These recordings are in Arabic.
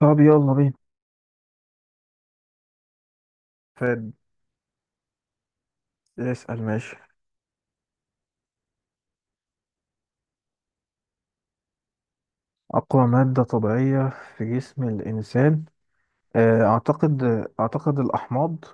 طب يلا بينا فاد اسأل ماشي. أقوى مادة طبيعية في جسم الإنسان. آه، أعتقد أعتقد الأحماض.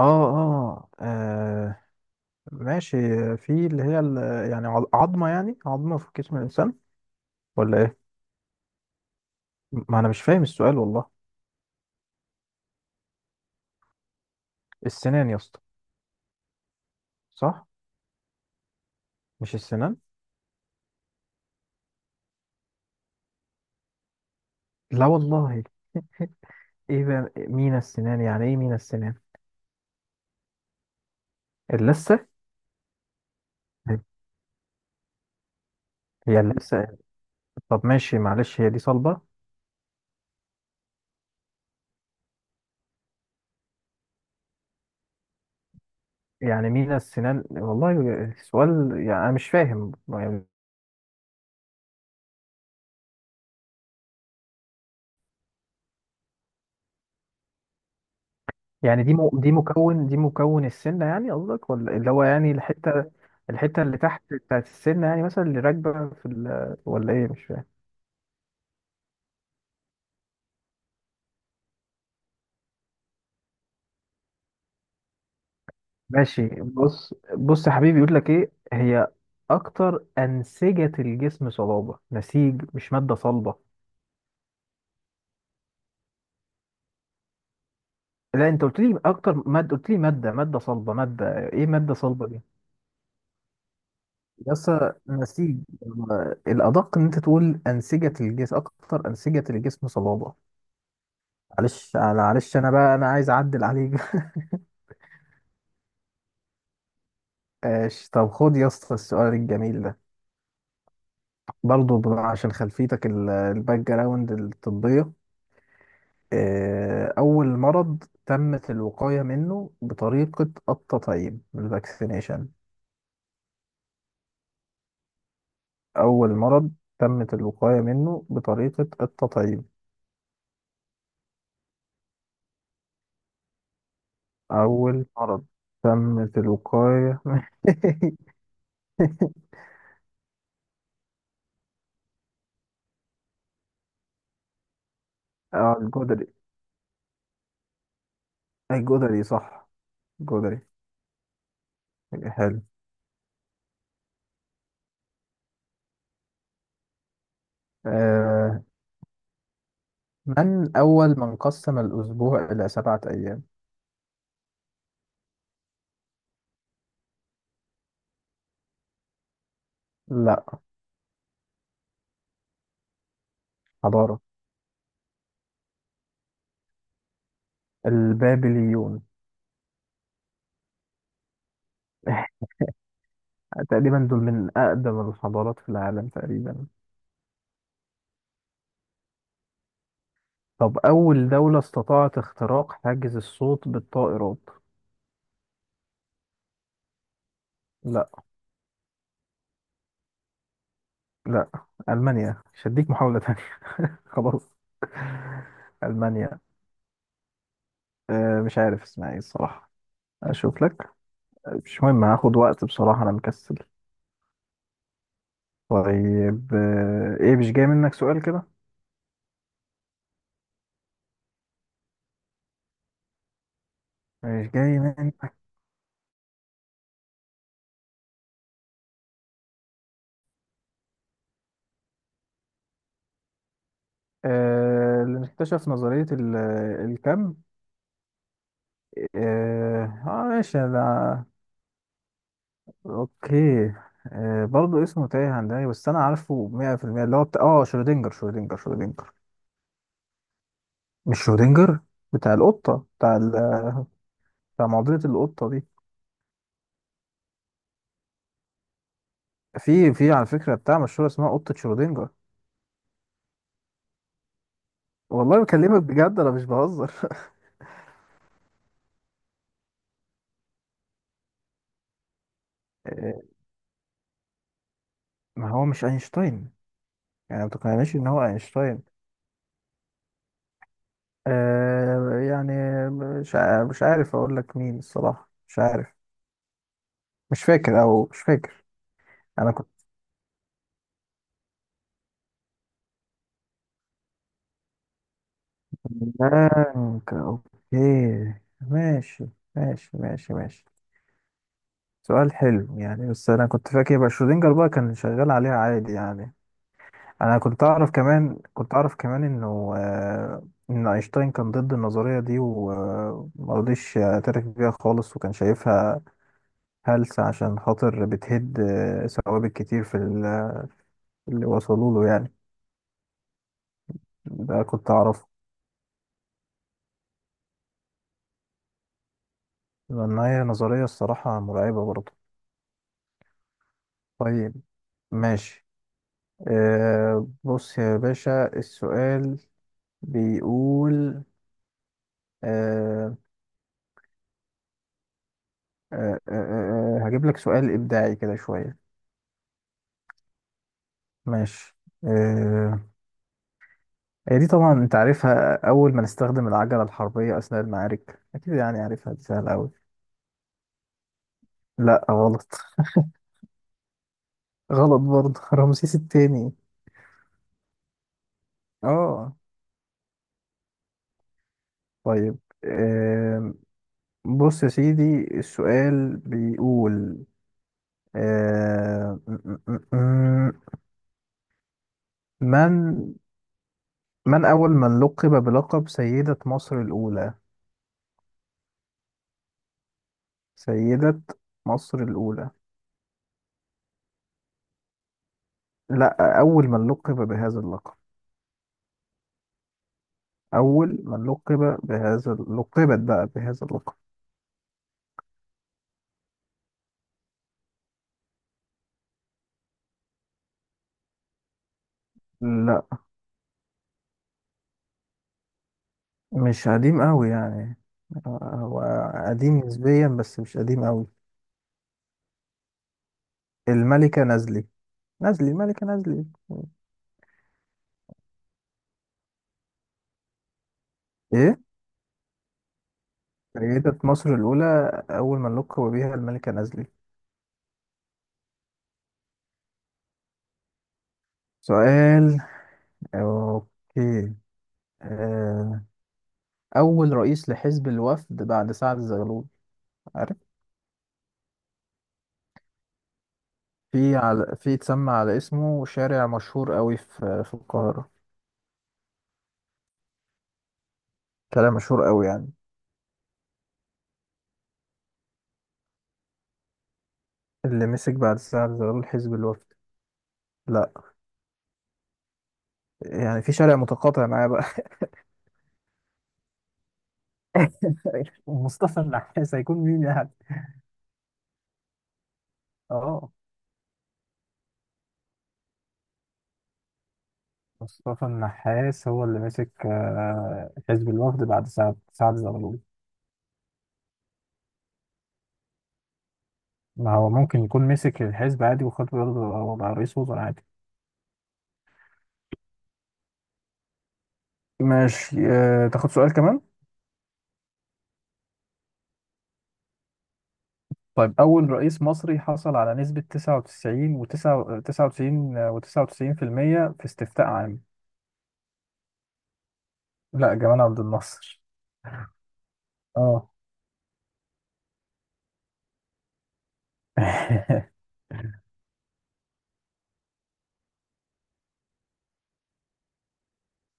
آه آه آه، ماشي. في اللي هي يعني عظمة يعني عظمة في جسم الإنسان، ولا إيه؟ ما أنا مش فاهم السؤال والله. السنان يا اسطى، صح؟ مش السنان؟ لا والله. إيه بقى مينا السنان، يعني إيه مينا السنان؟ اللثة؟ هي اللثة. طب ماشي، معلش هي دي صلبة. يعني مين السنان والله. السؤال يعني انا مش فاهم. يعني دي مو... دي مكون السنه يعني قصدك، ولا اللي هو يعني الحته، الحته اللي تحت بتاعت السنه يعني، مثلا اللي راكبه في ال... ولا ايه مش فاهم. ماشي، بص بص يا حبيبي، يقول لك ايه هي اكتر انسجه الجسم صلابه، نسيج مش ماده صلبه. لا انت قلت لي اكتر ماده، قلت لي ماده صلبه ماده ايه، ماده صلبه دي. بس نسيج، الأدق إن أنت تقول أنسجة الجسم، أكتر أنسجة الجسم صلابة. معلش أنا بقى أنا عايز أعدل عليك. ماشي، طب خد يا اسطى السؤال الجميل ده. برضه عشان خلفيتك الباك جراوند الطبية. أول مرض تمت الوقاية منه بطريقة التطعيم الفاكسينيشن. أول مرض تمت الوقاية منه بطريقة التطعيم. أول مرض تمت الوقاية. اه الجدري. الجدري صح. الجدري. حلو. آه من أول من قسم الأسبوع إلى سبعة أيام؟ لا، حضارة. البابليون. تقريبا دول من أقدم الحضارات في العالم تقريبا. طب أول دولة استطاعت اختراق حاجز الصوت بالطائرات. لا. لا. ألمانيا مش هديك محاولة تانية. خلاص. ألمانيا. آه مش عارف اسمها ايه الصراحة. أشوف لك. مش مهم، هاخد وقت بصراحة أنا مكسل. طيب ايه مش جاي منك سؤال كده. مش جاي منك. آه اللي اكتشف نظرية الكم. اه ماشي ده. اوكي. آه برضه اسمه تايه عن دماغي، بس انا عارفه 100%. اللي هو بتاع اه شرودنجر، شرودنجر. مش شرودنجر. بتاع القطة، بتاع ال... بتاع معضلة القطة دي. في على فكرة بتاع مشهورة اسمها قطة شرودنجر. والله بكلمك بجد انا مش بهزر. آه، ما هو مش اينشتاين. يعني ما تقنعنيش ان هو اينشتاين. آه يعني مش عارف اقول لك مين الصراحة، مش عارف. مش فاكر او مش فاكر. انا كنت بلانك اوكي. ماشي ماشي ماشي ماشي. سؤال حلو يعني، بس انا كنت فاكر يبقى شرودنجر بقى كان شغال عليها عادي يعني. انا كنت اعرف كمان، كنت اعرف كمان انه آه ان اينشتاين كان ضد النظرية دي ومرضيش يعترف بيها خالص، وكان شايفها هلس عشان خاطر بتهد ثوابت كتير في اللي وصلوا له يعني. ده كنت أعرفه. لأن هي نظرية الصراحة مرعبة برضه. طيب ماشي. آه، بص يا باشا السؤال بيقول آه هجيب لك سؤال إبداعي كده شوية. ماشي. آه. هي دي طبعا أنت عارفها، أول ما نستخدم العجلة الحربية أثناء المعارك، أكيد يعني عارفها دي سهلة أوي. لا غلط. غلط برضه. رمسيس التاني. اه. طيب آم، بص يا سيدي السؤال بيقول آه م- م- م- من، من أول من لقب بلقب سيدة مصر الأولى. سيدة مصر الأولى. لا، أول من لقب بهذا اللقب. أول من لقب بهذا، لقبت بقى بهذا اللقب. لا مش قديم أوي يعني. هو قديم نسبيا بس مش قديم أوي. الملكة نازلي. نازلي، ملكة نازلي. إيه سيدة مصر الأولى، أول من لقب بها الملكة نازلي. سؤال. أوكي. آه، أول رئيس لحزب الوفد بعد سعد الزغلول. عارف. في على اتسمى على اسمه شارع مشهور قوي في القاهرة. شارع مشهور قوي يعني. اللي مسك بعد سعد الزغلول حزب الوفد. لا يعني في شارع متقاطع معاه بقى. مصطفى النحاس هيكون مين يعني. اه مصطفى النحاس هو اللي مسك حزب الوفد بعد سعد زغلول. ما هو ممكن يكون مسك الحزب عادي، وخد برضه بقى رئيس وزراء عادي. ماشي تاخد سؤال كمان. طيب أول رئيس مصري حصل على نسبة 99 و 99 و 99% في المية في استفتاء عام. لا جمال عبد الناصر. اه.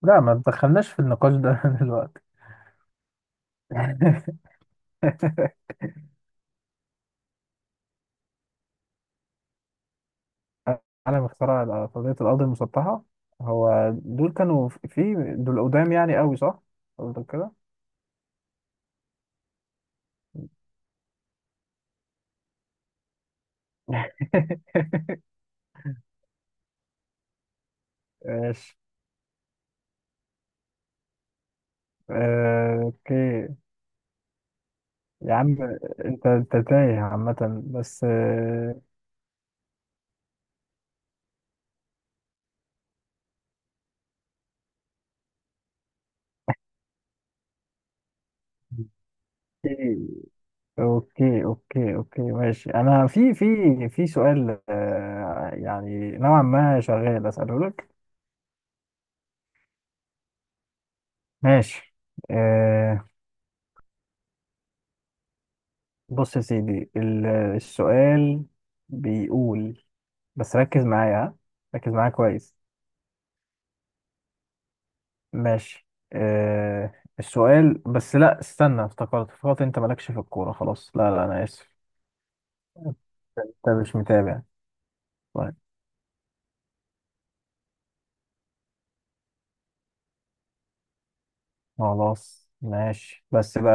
لا ما تدخلناش في النقاش ده دلوقتي. عالم اختراع فرضية الأرض المسطحة. هو دول كانوا في دول قدام يعني قوي صح؟ قصدك كده؟ ماشي اوكي. يا عم انت تايه عامة بس اوكي اوكي اوكي، ماشي انا في في سؤال يعني نوعا ما شغال اساله لك. ماشي آه، بص يا سيدي السؤال بيقول، بس ركز معايا ها. ركز معايا كويس. ماشي آه، السؤال بس لا استنى، افتكرت انت مالكش في الكورة خلاص، لا لا انا اسف. انت مش متابع. طيب. خلاص ماشي بس بقى.